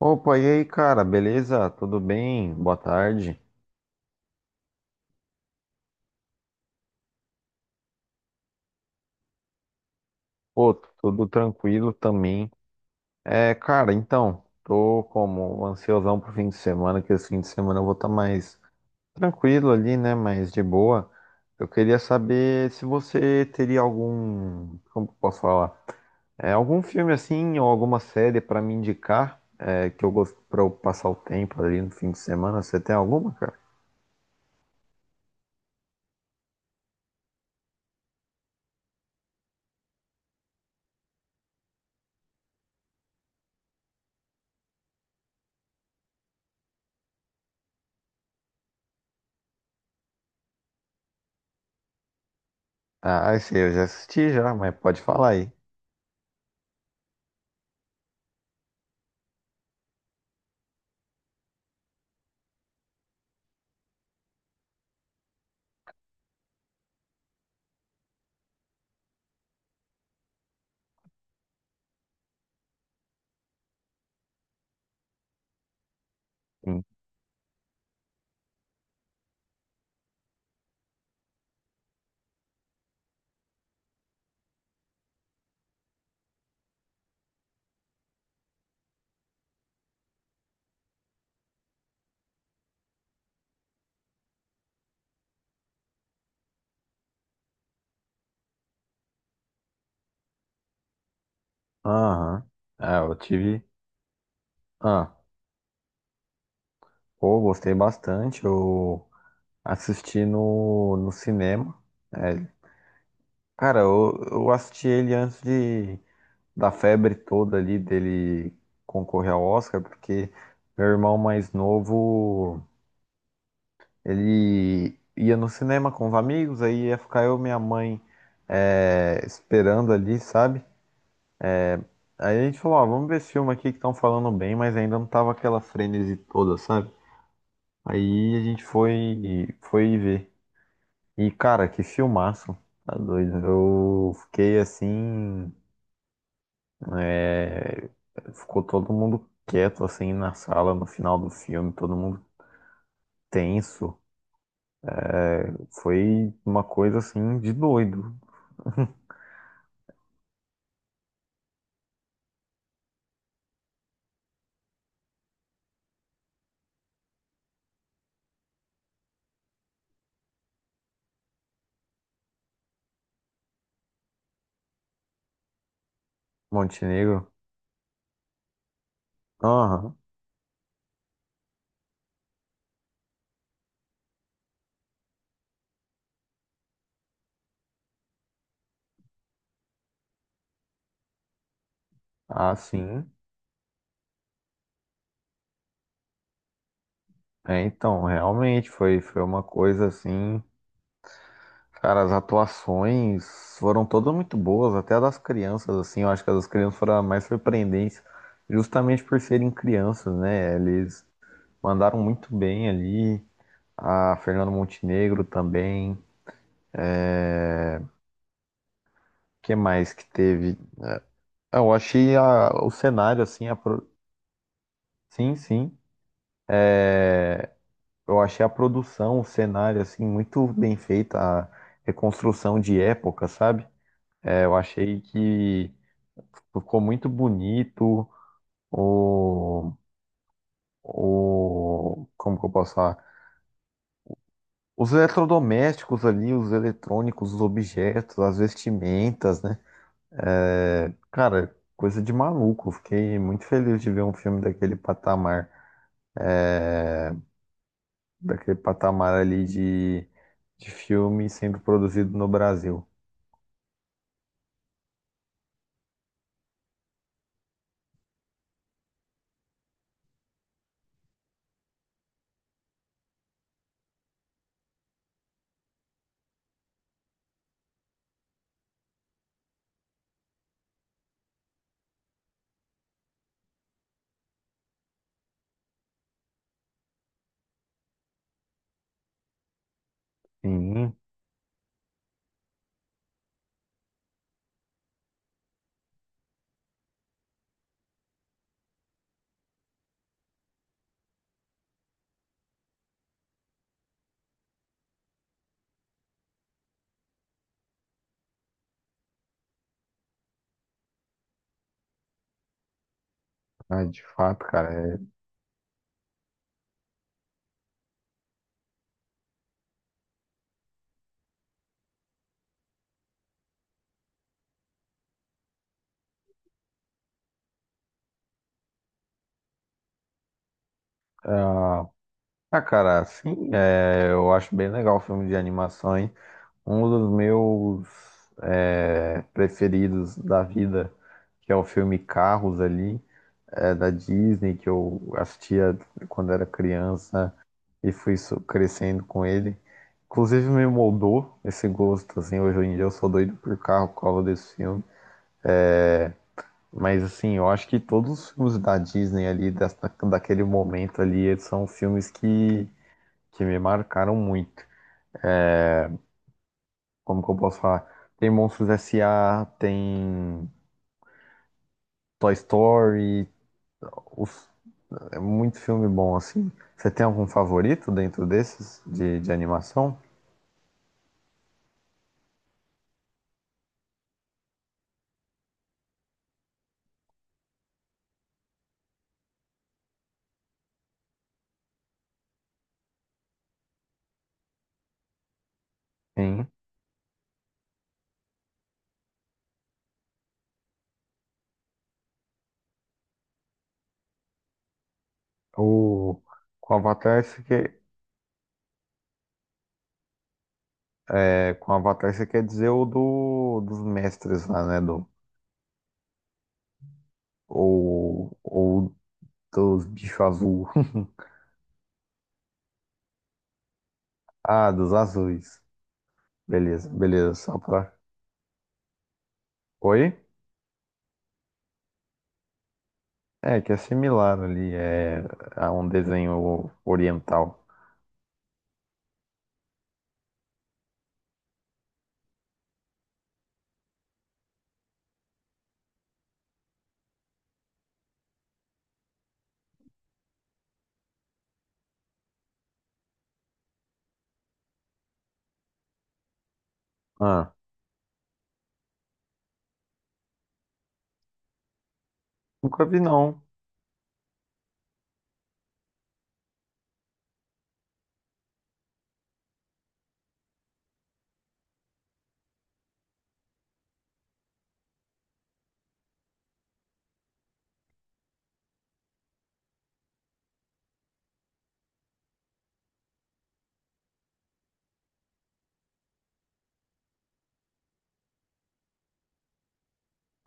Opa, e aí, cara, beleza? Tudo bem? Boa tarde. Pô, tudo tranquilo também. É, cara, então, tô como um ansiosão pro fim de semana, que esse fim de semana eu vou estar mais tranquilo ali, né? Mais de boa. Eu queria saber se você teria algum, como que eu posso falar? É, algum filme assim, ou alguma série pra me indicar, é, que eu gosto pra eu passar o tempo ali no fim de semana. Você tem alguma, cara? Ah, esse eu já assisti já, mas pode falar aí. Aham. É, eu tive. Ah, pô, gostei bastante. Eu assisti no cinema. É, cara, eu assisti ele antes de, da febre toda ali dele concorrer ao Oscar, porque meu irmão mais novo, ele ia no cinema com os amigos, aí ia ficar eu e minha mãe esperando ali, sabe? Aí a gente falou, ó, vamos ver esse filme aqui que estão falando bem, mas ainda não tava aquela frenesi toda, sabe? Aí a gente foi ver. E, cara, que filmaço. Tá doido. Eu fiquei assim. é, Ficou todo mundo quieto, assim, na sala, no final do filme, todo mundo tenso. Foi uma coisa, assim, de doido. Montenegro. Aham. Ah, sim. É, então, realmente foi uma coisa assim. Cara, as atuações foram todas muito boas, até a das crianças, assim, eu acho que as das crianças foram as mais surpreendentes, justamente por serem crianças, né? Eles mandaram muito bem ali, a Fernanda Montenegro também. é... que mais que teve? Eu achei o cenário, assim, sim, sim, eu achei a produção, o cenário, assim, muito bem feita, a reconstrução de época, sabe? É, eu achei que ficou muito bonito, o, como que eu posso falar? Os eletrodomésticos ali, os eletrônicos, os objetos, as vestimentas, né? É, cara, coisa de maluco. Eu fiquei muito feliz de ver um filme daquele patamar ali de, filme sendo produzido no Brasil. Sim, ah, de fato, cara. Ah, ah, cara, sim, eu acho bem legal o filme de animação, hein? Um dos meus preferidos da vida, que é o filme Carros ali, da Disney, que eu assistia quando era criança e fui crescendo com ele. Inclusive me moldou esse gosto, assim, hoje em dia eu sou doido por carro por causa desse filme. É, mas assim, eu acho que todos os filmes da Disney ali, dessa, daquele momento ali, eles são filmes que me marcaram muito. Como que eu posso falar? Tem Monstros S.A. tem Toy Story, os- é muito filme bom, assim. Você tem algum favorito dentro desses de animação? Sim. O, com Avatar você quer, é, com Avatar você quer dizer o dos mestres lá, né? Ou dos bichos azul. Ah, dos azuis. Beleza, beleza. Só pra. Oi? É, que é similar ali, é a um desenho oriental. Ah, nunca vi não.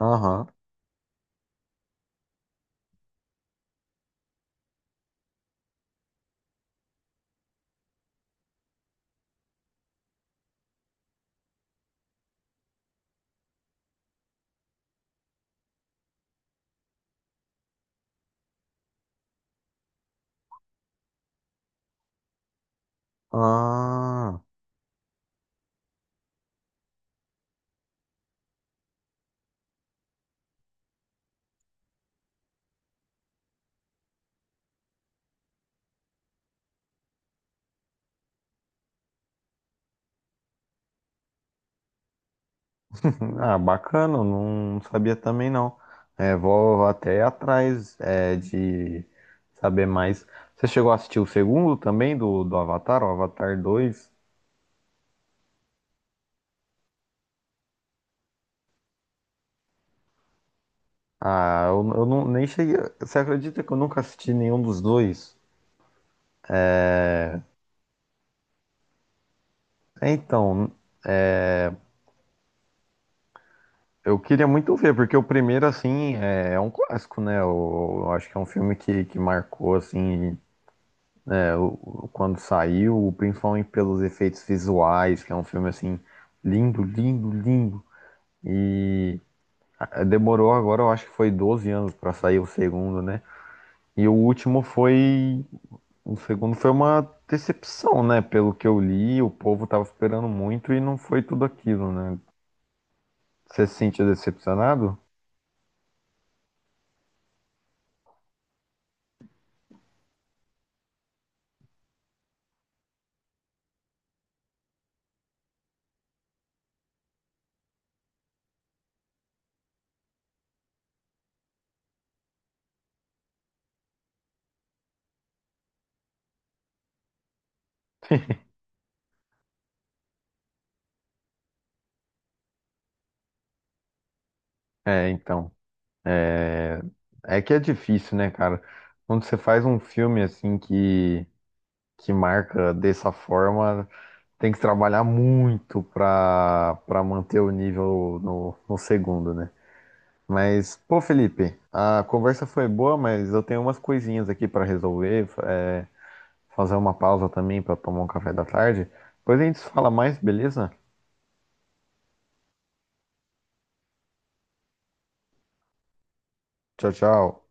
Aham. Ah, ah, bacana, não sabia também não. É, vou até atrás de saber mais. Você chegou a assistir o segundo também do Avatar, o Avatar 2? Ah, eu não, nem cheguei. Você acredita que eu nunca assisti nenhum dos dois? É, então, eu queria muito ver, porque o primeiro, assim, é um clássico, né? Eu acho que é um filme que marcou, assim. É, quando saiu, principalmente pelos efeitos visuais, que é um filme assim lindo, lindo, lindo. E demorou agora, eu acho que foi 12 anos pra sair o segundo, né? E o segundo foi uma decepção, né? Pelo que eu li, o povo tava esperando muito e não foi tudo aquilo, né? Você se sentiu decepcionado? É, então. É é que é difícil, né, cara? Quando você faz um filme assim que marca dessa forma, tem que trabalhar muito pra manter o nível no segundo, né? Mas, pô, Felipe, a conversa foi boa, mas eu tenho umas coisinhas aqui pra resolver, fazer uma pausa também pra tomar um café da tarde. Depois a gente se fala mais, beleza? Tchau, tchau.